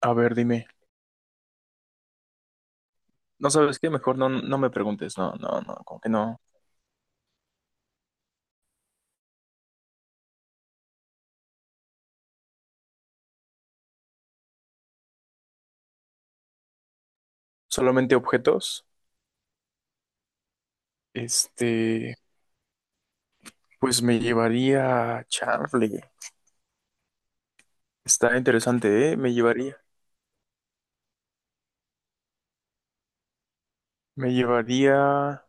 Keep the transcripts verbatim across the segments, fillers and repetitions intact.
A ver, dime. No sabes qué, mejor no, no me preguntes. No, no, no, como que no. Solamente objetos. Este, pues me llevaría, Charlie. Está interesante, ¿eh? Me llevaría, me llevaría,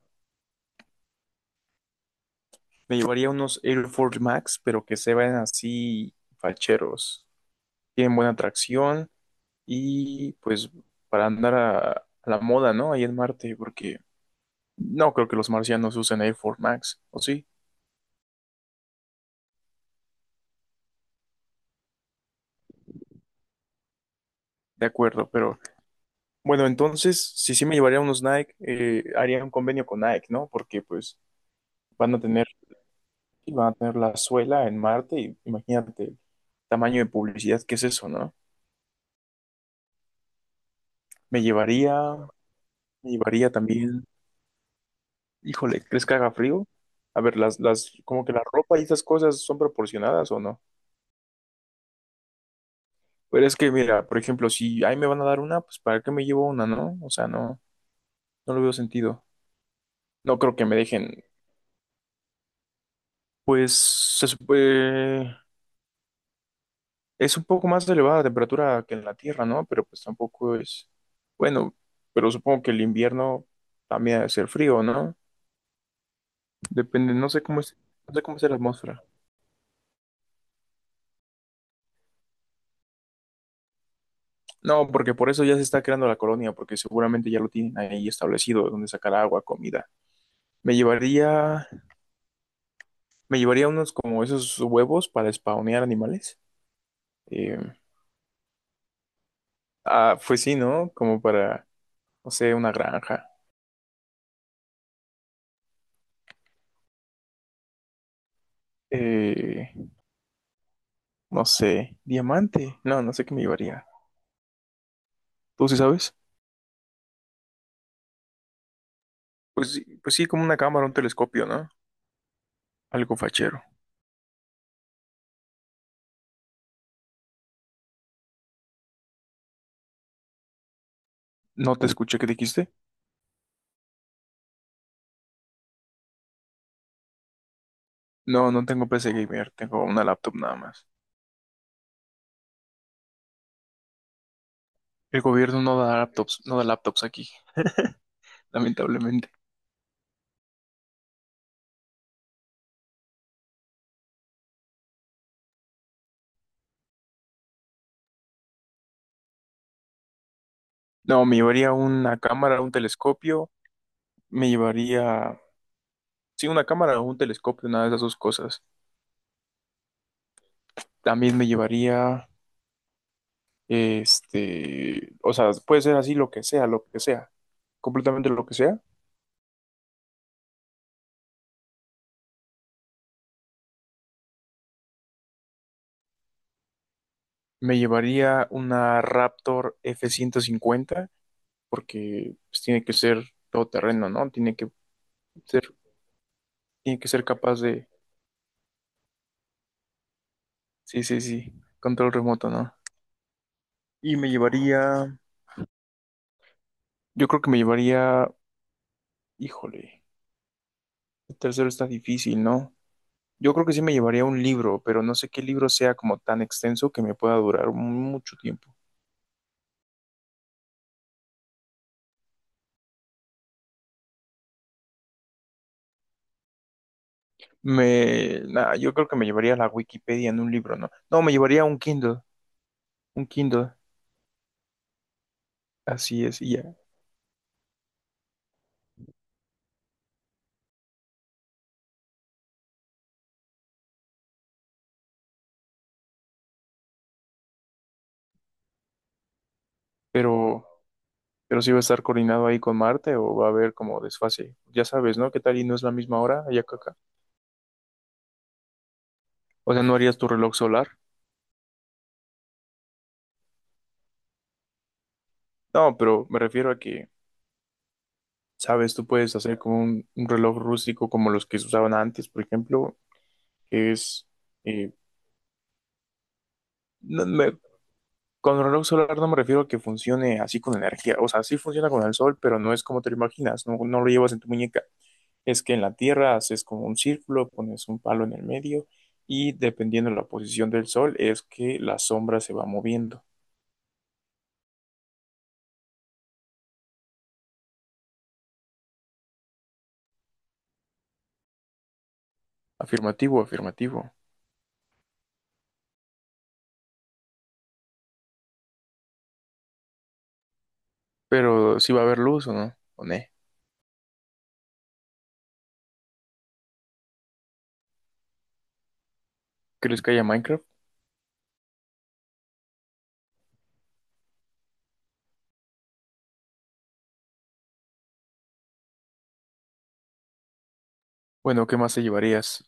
Me llevaría unos Air Force Max, pero que se vean así facheros. Tienen buena tracción y pues para andar a, a la moda, ¿no? Ahí en Marte, porque no creo que los marcianos usen Air Force Max, ¿o sí? De acuerdo, pero bueno, entonces, si sí me llevaría unos Nike, eh, haría un convenio con Nike, ¿no? Porque pues van a tener, van a tener la suela en Marte y imagínate el tamaño de publicidad que es eso, ¿no? Me llevaría, me llevaría también, híjole, ¿crees que haga frío? A ver, las, las, como que la ropa y esas cosas son proporcionadas o no. Pero es que, mira, por ejemplo, si ahí me van a dar una, pues ¿para qué me llevo una, no? O sea, no, no lo veo sentido. No creo que me dejen, pues, se supe- es un poco más elevada la temperatura que en la Tierra, ¿no? Pero pues tampoco es... Bueno, pero supongo que el invierno también debe ser frío, ¿no? Depende, no sé cómo es, no sé cómo es la atmósfera. No, porque por eso ya se está creando la colonia, porque seguramente ya lo tienen ahí establecido, donde sacar agua, comida. Me llevaría, me llevaría unos como esos huevos para spawnear animales. Eh, ah, pues sí, ¿no? Como para, no sé, una granja. Eh, no sé, diamante. No, no sé qué me llevaría. ¿Tú sí sabes? Pues, sí- pues sí, como una cámara, un telescopio, ¿no? Algo fachero. No te escuché, ¿qué dijiste? No, no tengo P C gamer, tengo una laptop nada más. El gobierno no da laptops, no da laptops aquí, lamentablemente. No, me llevaría una cámara, un telescopio, me llevaría, sí, una cámara o un telescopio, una de esas dos cosas. También me llevaría, este, o sea, puede ser así lo que sea, lo que sea, completamente lo que sea. Me llevaría una Raptor F ciento cincuenta porque pues, tiene que ser todoterreno, ¿no? Tiene que ser, tiene que ser capaz de, sí, sí, sí, control remoto, ¿no? Y me llevaría, yo creo que me llevaría, híjole, el tercero está difícil, ¿no? Yo creo que sí me llevaría un libro, pero no sé qué libro sea como tan extenso que me pueda durar mucho tiempo. Me, nada, yo creo que me llevaría la Wikipedia en un libro, ¿no? No, me llevaría un Kindle, un Kindle, así es, y ya. Pero Pero si va a estar coordinado ahí con Marte o va a haber como desfase. Ya sabes, ¿no? ¿Qué tal y no es la misma hora allá que acá? O sea, ¿no harías tu reloj solar? No, pero me refiero a que, sabes, tú puedes hacer como un, un reloj rústico como los que se usaban antes, por ejemplo, que es... eh, no- me- con el reloj solar no me refiero a que funcione así con energía. O sea, sí funciona con el sol, pero no es como te lo imaginas, no, no lo llevas en tu muñeca. Es que en la Tierra haces como un círculo, pones un palo en el medio y dependiendo de la posición del sol es que la sombra se va moviendo. Afirmativo, afirmativo. Pero si va a haber luz o no, o ne. ¿Crees que haya Minecraft? Bueno, ¿qué más te llevarías?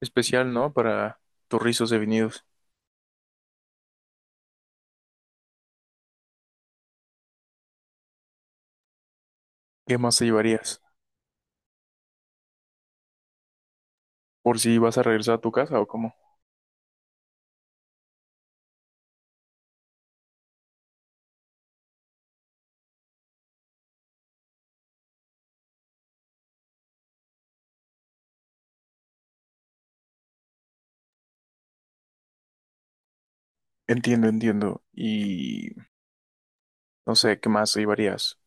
Especial, ¿no? Para tus rizos devenidos. ¿Qué más te llevarías? ¿Por si vas a regresar a tu casa o cómo? Entiendo, entiendo. Y no sé, ¿qué más te llevarías?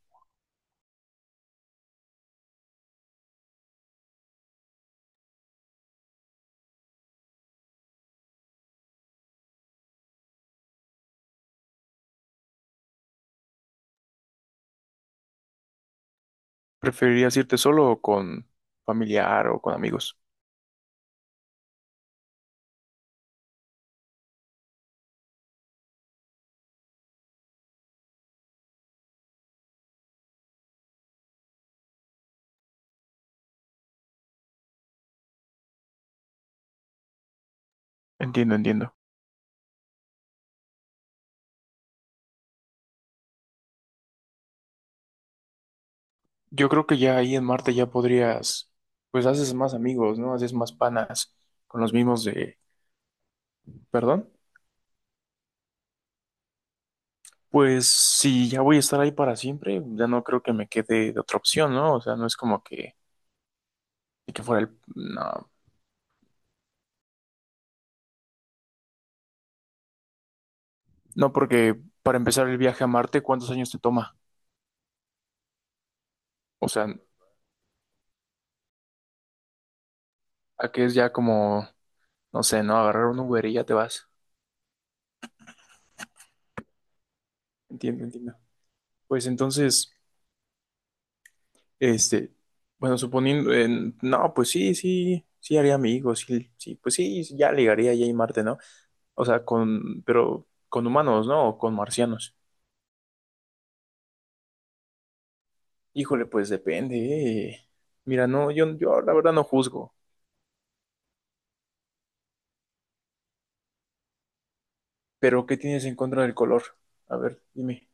¿Preferirías irte solo o con familiar o con amigos? Entiendo, entiendo. Yo creo que ya ahí en Marte ya podrías, pues haces más amigos, ¿no? Haces más panas con los mismos de, perdón. Pues si ya voy a estar ahí para siempre, ya no creo que me quede de otra opción, ¿no? O sea, no es como que, que fuera el... No, no, porque para empezar el viaje a Marte, ¿cuántos años te toma? O sea, ¿a qué es ya como, no sé, ¿no? Agarrar un Uber y ya te vas. Entiendo, entiendo. Pues entonces... Este, bueno, suponiendo, en- no, pues sí, sí, sí haría amigos, sí, sí, pues sí, sí, ya ligaría ya y Marte, ¿no? O sea, con, pero con humanos, ¿no? O con marcianos. Híjole, pues depende. eh. Mira, no, yo, yo la verdad no juzgo, pero ¿qué tienes en contra del color? A ver, dime.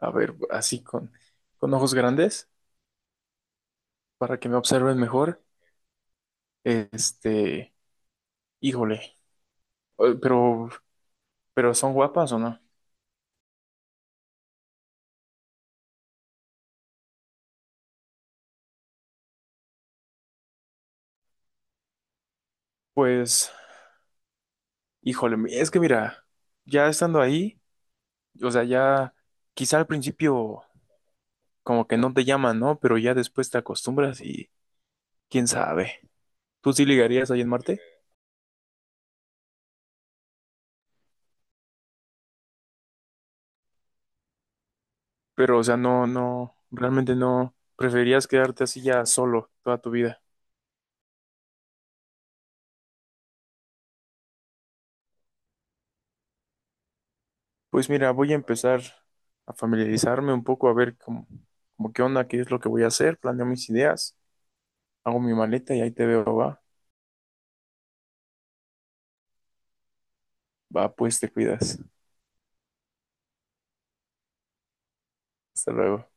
A ver, así con, con ojos grandes, para que me observen mejor. Este, híjole, eh, pero, pero ¿son guapas o no? Pues, híjole, es que mira, ya estando ahí. O sea, ya quizá al principio como que no te llaman, ¿no? Pero ya después te acostumbras y quién sabe. ¿Tú sí ligarías ahí en Marte? Pero, o sea, no, no, realmente no. Preferirías quedarte así ya solo toda tu vida. Pues mira, voy a empezar a familiarizarme un poco, a ver cómo, cómo qué onda, qué es lo que voy a hacer, planeo mis ideas, hago mi maleta y ahí te veo, va. Va, pues te cuidas. Hasta luego.